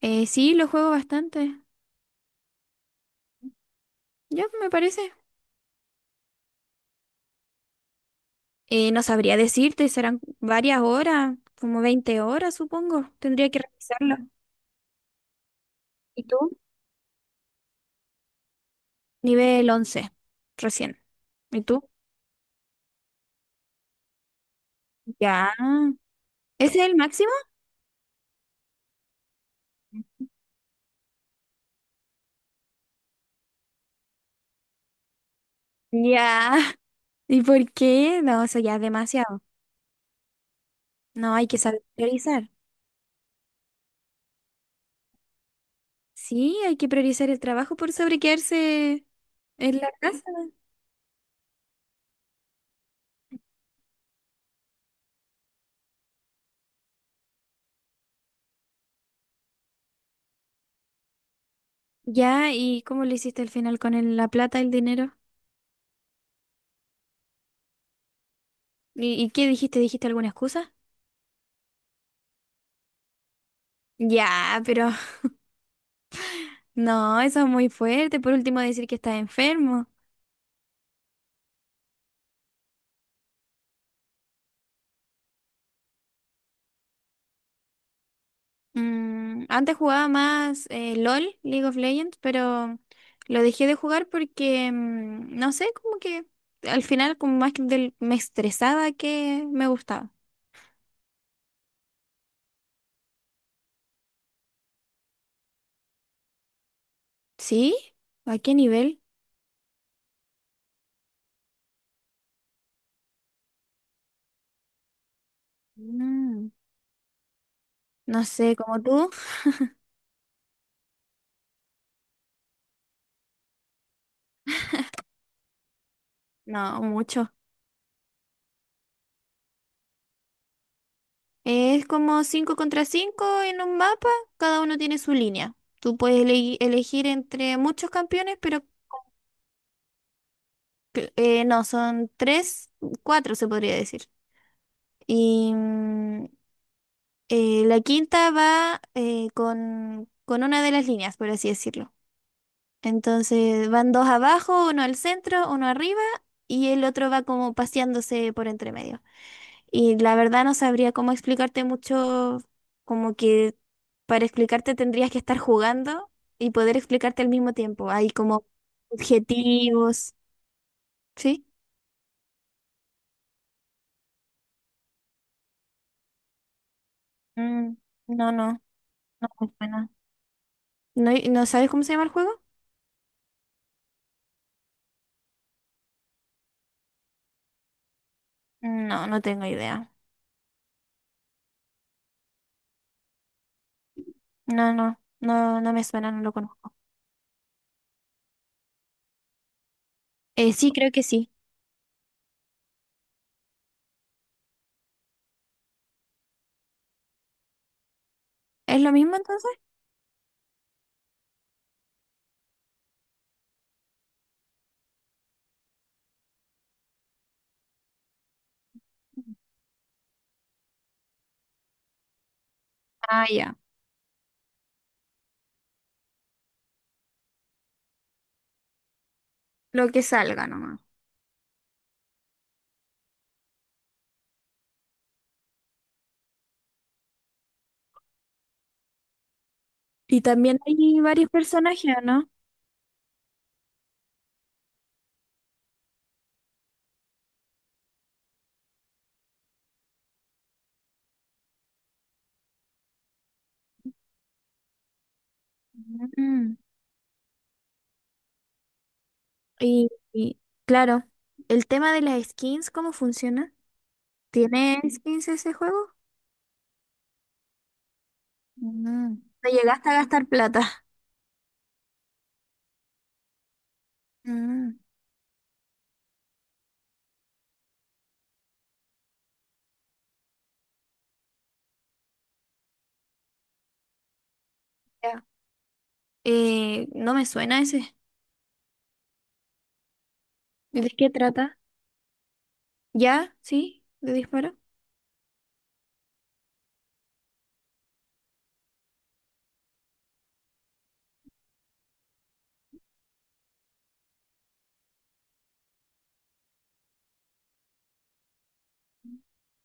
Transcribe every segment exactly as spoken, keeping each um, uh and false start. Eh, sí, lo juego bastante. Ya, me parece. Eh, no sabría decirte, serán varias horas, como veinte horas, supongo. Tendría que revisarlo. ¿Y tú? Nivel once, recién. ¿Y tú? Ya. ¿Ese es el máximo? Ya. ¿Y por qué? No, eso ya es demasiado. No, hay que saber priorizar. Sí, hay que priorizar el trabajo por sobre quedarse en la casa. Ya, ¿y cómo lo hiciste al final con el- la plata, el dinero? ¿Y, y qué dijiste? ¿Dijiste alguna excusa? Ya, pero no, eso es muy fuerte. Por último, decir que estás enfermo. Mm, antes jugaba más eh, LOL, League of Legends, pero lo dejé de jugar porque, mm, no sé, como que al final como más que del- me estresaba que me gustaba. ¿Sí? ¿A qué nivel? Mm, no sé, como tú. No, mucho. Es como cinco contra cinco en un mapa, cada uno tiene su línea. Tú puedes ele- elegir entre muchos campeones, pero Cl- eh, no, son tres, cuatro se podría decir. Y mm, eh, la quinta va eh, con, con una de las líneas, por así decirlo. Entonces van dos abajo, uno al centro, uno arriba y el otro va como paseándose por entre medio. Y la verdad no sabría cómo explicarte mucho, como que para explicarte tendrías que estar jugando y poder explicarte al mismo tiempo. Hay como objetivos, ¿sí? Mm, no, no, no, no. ¿No, hay- no sabes cómo se llama el juego? No, no tengo idea. No, no, no, no me suena, no lo conozco. Eh, sí, creo que sí. ¿Es lo mismo entonces? Ah, ya. Lo que salga nomás. Y también hay varios personajes, ¿o ¿no? Mm. Y, y, claro, el tema de las skins, ¿cómo funciona? ¿Tiene skins ese juego? Mm, No llegaste a gastar plata. Mm. Ya. Eh, no me suena ese. ¿De qué trata? ¿Ya? ¿Sí? ¿De disparo?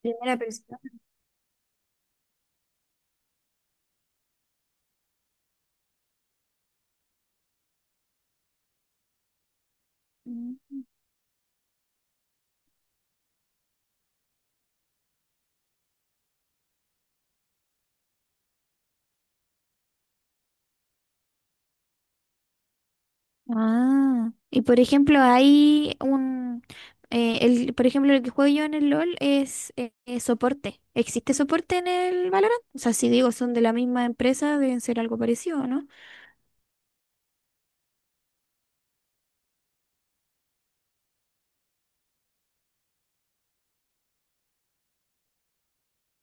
Primera persona. Mm. Ah, y por ejemplo, hay un, eh, el, por ejemplo, el que juego yo en el LOL es eh, eh, soporte. ¿Existe soporte en el Valorant? O sea, si digo son de la misma empresa, deben ser algo parecido, ¿no?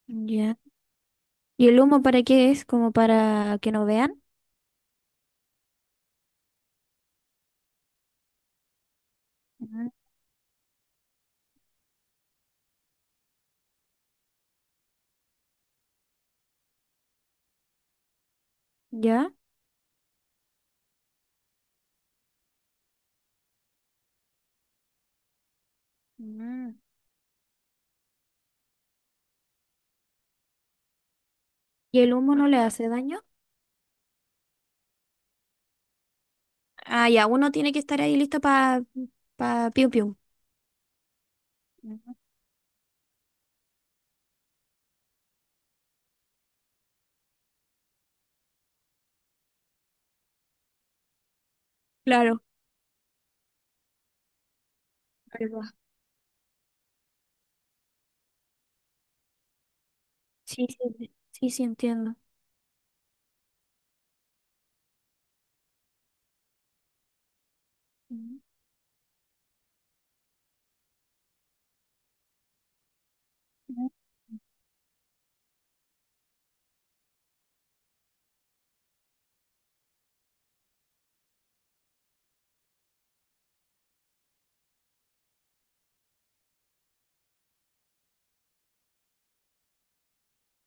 Ya. ¿Y el humo para qué es? ¿Como para que no vean? Ujú. ¿Ya? Mm. ¿Y el humo no le hace daño? Ah, ya, uno tiene que estar ahí listo para pa pa piu piu. Ujú. Claro. Ahí va. Sí, sí, sí, sí, entiendo. Ujú. Ujú.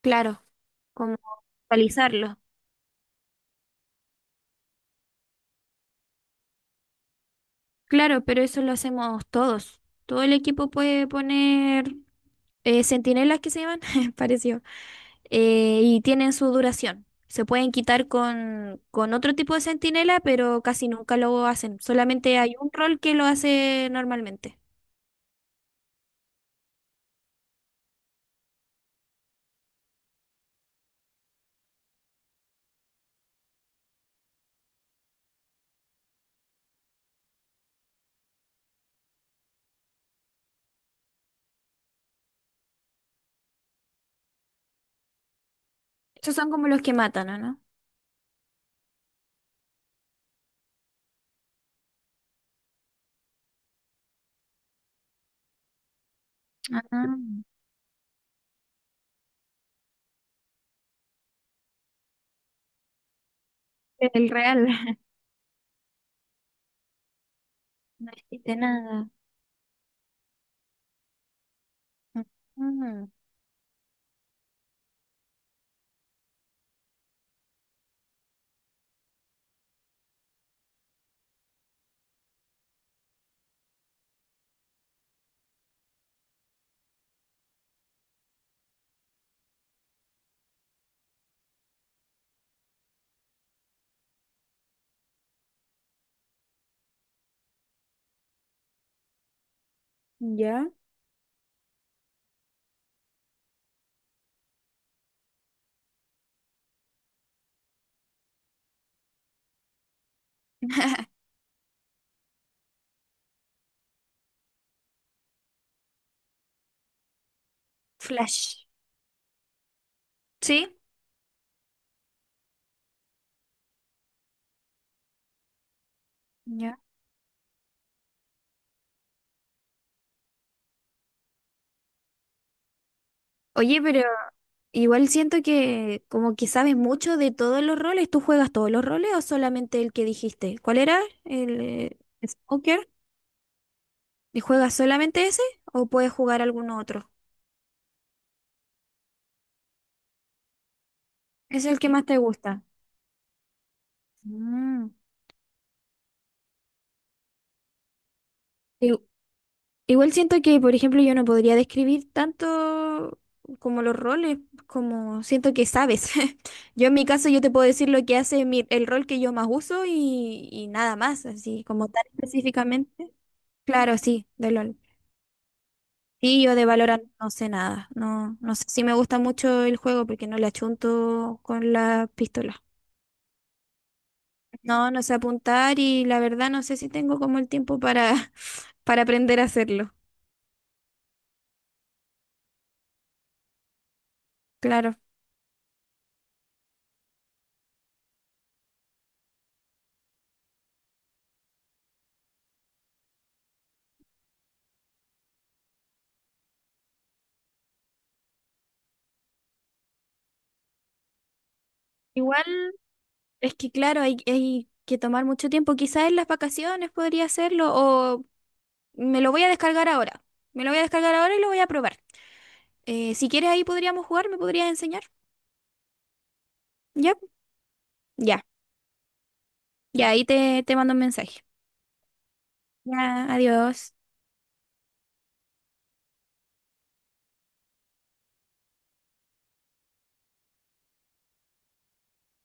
Claro. Como actualizarlo. Claro, pero eso lo hacemos todos. Todo el equipo puede poner eh, sentinelas que se llaman, pareció, eh, y tienen su duración. Se pueden quitar con, con otro tipo de sentinela, pero casi nunca lo hacen. Solamente hay un rol que lo hace normalmente. Esos son como los que matan, ¿o ¿no? Ah. El real. No existe nada. mm, ya. Flash. ¿Sí? Ya. Oye, pero igual siento que como que sabes mucho de todos los roles. ¿Tú juegas todos los roles o solamente el que dijiste? ¿Cuál era? ¿El eh, es ¿Y juegas solamente ese o puedes jugar alguno otro? ¿Es el que más te gusta? Mm. I- Igual siento que, por ejemplo, yo no podría describir tanto como los roles, como siento que sabes. Yo en mi caso yo te puedo decir lo que hace mi- el rol que yo más uso y, y nada más, así como tan específicamente. Claro, sí, de LOL. Sí, yo de Valorant no sé nada. No, no sé si me gusta mucho el juego porque no le achunto con la pistola. No, no sé apuntar y la verdad no sé si tengo como el tiempo para, para aprender a hacerlo. Claro. Igual es que claro, hay, hay que tomar mucho tiempo. Quizás en las vacaciones podría hacerlo o me lo voy a descargar ahora. Me lo voy a descargar ahora y lo voy a probar. Eh, si quieres ahí podríamos jugar, me podrías enseñar. Ya, ya, ya, ahí te, te mando un mensaje. Ya, adiós.